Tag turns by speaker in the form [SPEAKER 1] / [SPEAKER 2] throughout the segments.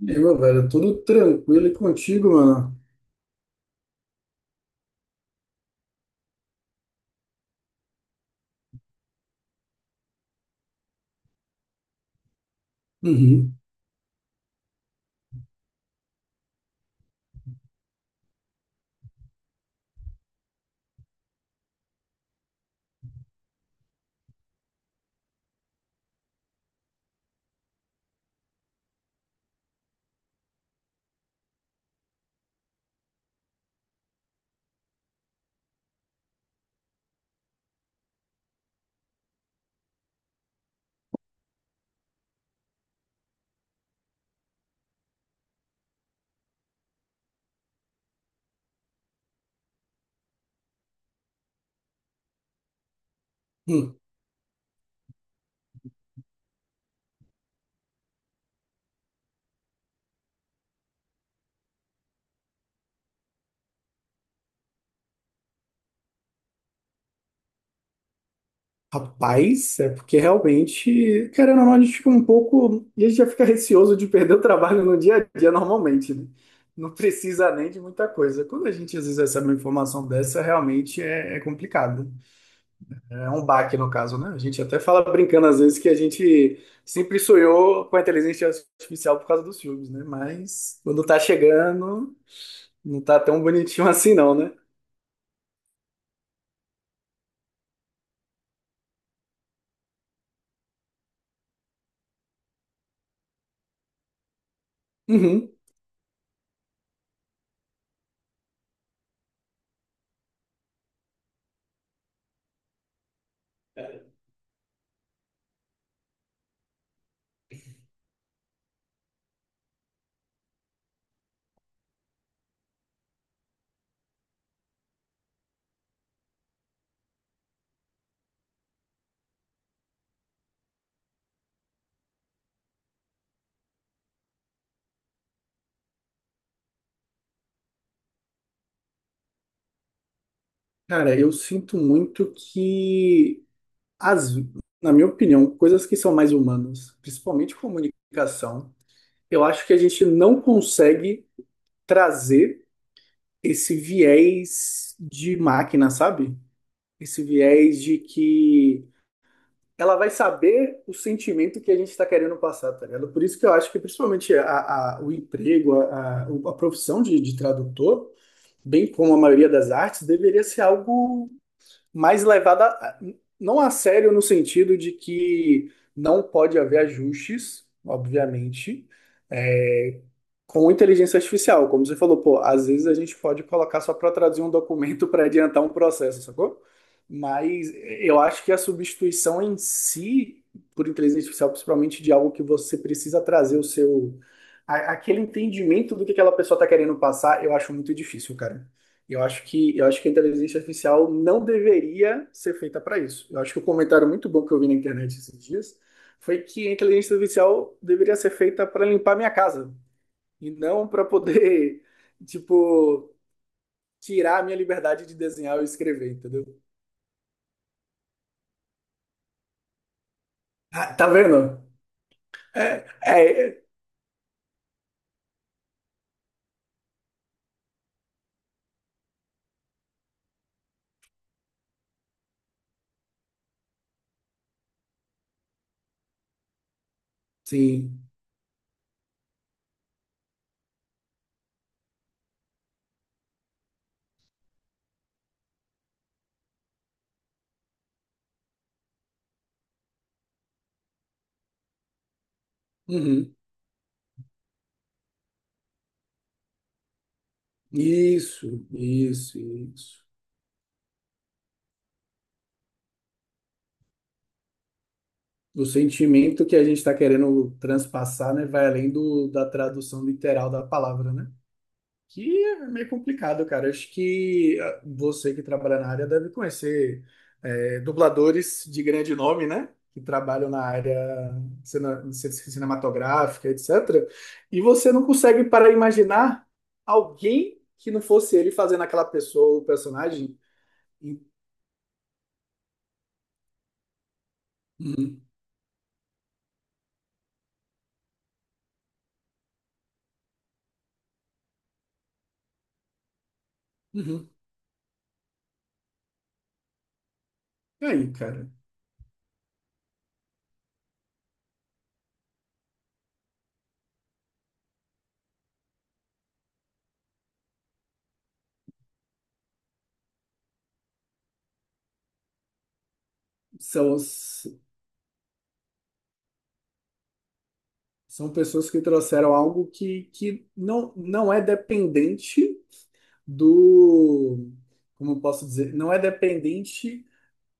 [SPEAKER 1] Meu, velho, tudo tranquilo e contigo, mano. Uhum. Hum. Rapaz, é porque realmente, querendo ou não, a gente fica um pouco. E a gente já fica receoso de perder o trabalho no dia a dia normalmente, né? Não precisa nem de muita coisa. Quando a gente às vezes recebe uma informação dessa, realmente é complicado. É um baque, no caso, né? A gente até fala brincando às vezes que a gente sempre sonhou com a inteligência artificial por causa dos filmes, né? Mas quando tá chegando, não tá tão bonitinho assim, não, né? Uhum. Cara, eu sinto muito que, as, na minha opinião, coisas que são mais humanas, principalmente comunicação, eu acho que a gente não consegue trazer esse viés de máquina, sabe? Esse viés de que ela vai saber o sentimento que a gente está querendo passar, tá ligado? Por isso que eu acho que, principalmente, o emprego, a profissão de tradutor, bem como a maioria das artes, deveria ser algo. mas levada a- não a sério no sentido de que não pode haver ajustes, obviamente, é, com inteligência artificial. Como você falou, pô, às vezes a gente pode colocar só para traduzir um documento para adiantar um processo, sacou? Mas eu acho que a substituição em si, por inteligência artificial, principalmente de algo que você precisa trazer o seu. Aquele entendimento do que aquela pessoa está querendo passar, eu acho muito difícil, cara. Eu acho que a inteligência artificial não deveria ser feita para isso. Eu acho que o comentário muito bom que eu vi na internet esses dias foi que a inteligência artificial deveria ser feita para limpar minha casa e não para poder, tipo, tirar a minha liberdade de desenhar ou escrever, entendeu? Ah, tá vendo? É, sim. Uhum. Isso, isso, isso. O sentimento que a gente está querendo transpassar, né, vai além do, da tradução literal da palavra, né? Que é meio complicado, cara. Acho que ah, você que trabalha na área deve conhecer dubladores de grande nome, né? Que trabalham na área cinematográfica, etc. E você não consegue para imaginar alguém que não fosse ele fazendo aquela pessoa, o personagem. Uhum, uhum. E aí, cara? São, são pessoas que trouxeram algo que não, não é dependente. Do, como eu posso dizer, não é dependente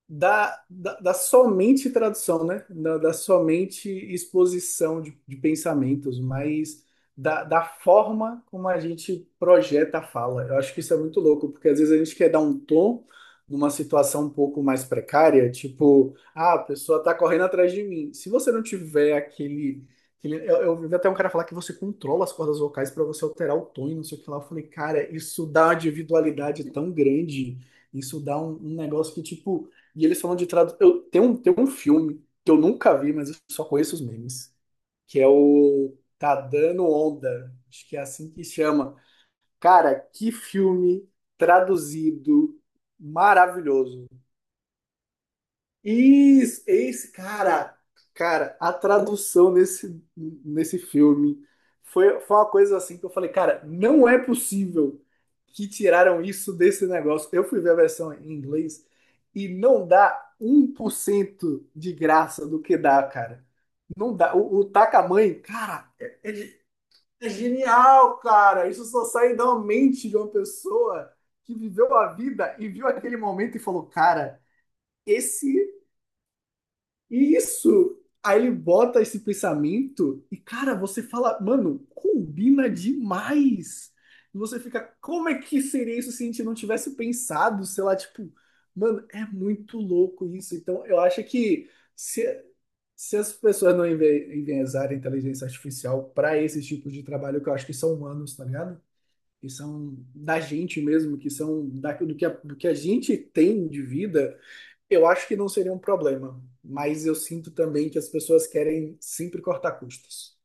[SPEAKER 1] da somente tradução, né? Da somente exposição de pensamentos, mas da forma como a gente projeta a fala. Eu acho que isso é muito louco, porque às vezes a gente quer dar um tom numa situação um pouco mais precária, tipo, ah, a pessoa tá correndo atrás de mim. Se você não tiver aquele. Eu vi até um cara falar que você controla as cordas vocais para você alterar o tom e não sei o que lá. Eu falei, cara, isso dá uma individualidade tão grande, isso dá um negócio que, tipo, e eles falam de tradução. Eu tem um filme que eu nunca vi, mas eu só conheço os memes, que é o Tá Dando Onda. Acho que é assim que chama. Cara, que filme traduzido maravilhoso. Isso, esse cara, cara, a tradução nesse filme foi uma coisa assim que eu falei, cara, não é possível que tiraram isso desse negócio. Eu fui ver a versão em inglês e não dá 1% de graça do que dá, cara. Não dá. O Takamãe, cara, é genial, cara. Isso só sai da mente de uma pessoa que viveu a vida e viu aquele momento e falou, cara. Esse isso! Aí ele bota esse pensamento e, cara, você fala, mano, combina demais. E você fica, como é que seria isso se a gente não tivesse pensado? Sei lá, tipo, mano, é muito louco isso. Então, eu acho que se, as pessoas não enviesarem a inteligência artificial para esse tipo de trabalho, que eu acho que são humanos, tá ligado? Que são da gente mesmo, que são da, do que a gente tem de vida. Eu acho que não seria um problema, mas eu sinto também que as pessoas querem sempre cortar custos.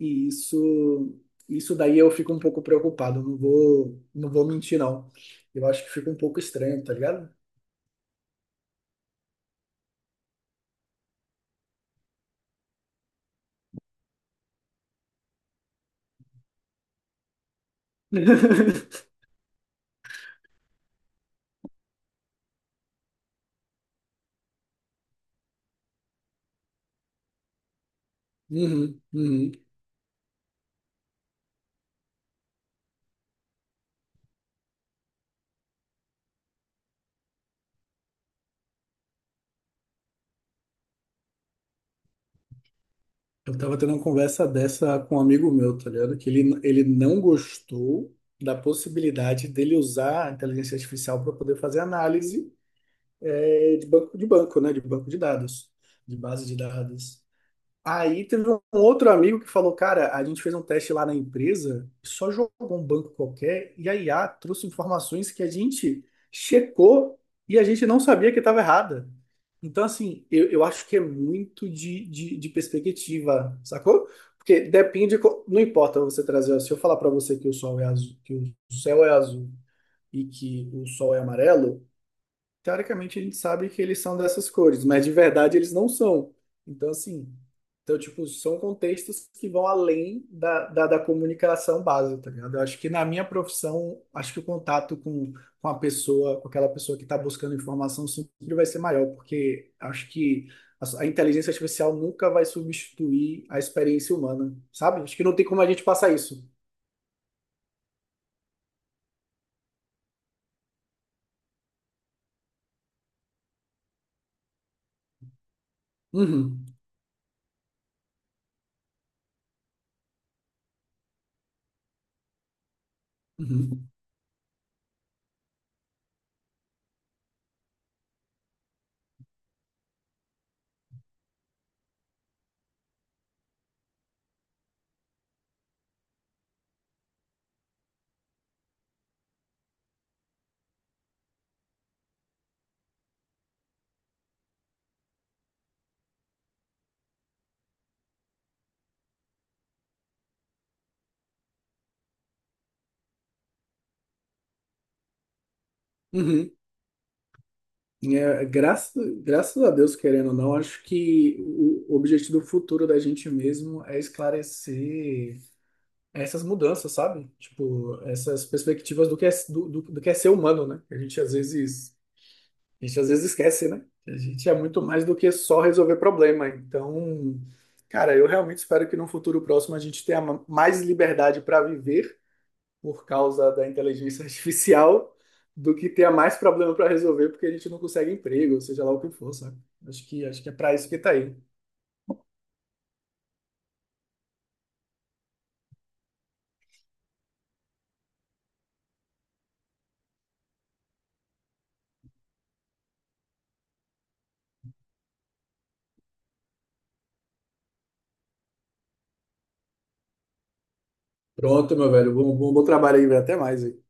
[SPEAKER 1] E isso daí eu fico um pouco preocupado, não vou mentir, não. Eu acho que fica um pouco estranho, tá ligado? Uhum, uhum. Eu tava tendo uma conversa dessa com um amigo meu, tá ligado? Que ele não gostou da possibilidade dele usar a inteligência artificial para poder fazer análise de banco, né? De banco de dados, de base de dados. Aí teve um outro amigo que falou, cara, a gente fez um teste lá na empresa, só jogou um banco qualquer e a IA trouxe informações que a gente checou e a gente não sabia que estava errada. Então, assim, eu acho que é muito de perspectiva, sacou? Porque depende, não importa você trazer, se eu falar para você que o sol é azul, que o céu é azul e que o sol é amarelo, teoricamente a gente sabe que eles são dessas cores, mas de verdade eles não são. Então, assim, então, tipo, são contextos que vão além da comunicação básica, tá ligado? Eu acho que na minha profissão, acho que o contato com, a pessoa, com aquela pessoa que está buscando informação, sempre vai ser maior, porque acho que a inteligência artificial nunca vai substituir a experiência humana, sabe? Acho que não tem como a gente passar isso. Uhum, uhum, uhum. É, graças a Deus, querendo ou não, acho que o objetivo futuro da gente mesmo é esclarecer essas mudanças, sabe? Tipo, essas perspectivas do que é ser humano, né? A gente às vezes esquece, né? A gente é muito mais do que só resolver problema. Então, cara, eu realmente espero que no futuro próximo a gente tenha mais liberdade para viver por causa da inteligência artificial do que ter mais problema para resolver porque a gente não consegue emprego, ou seja lá o que for, sabe? Acho que é para isso que tá aí. Pronto, meu velho. Bom trabalho aí, velho. Até mais aí.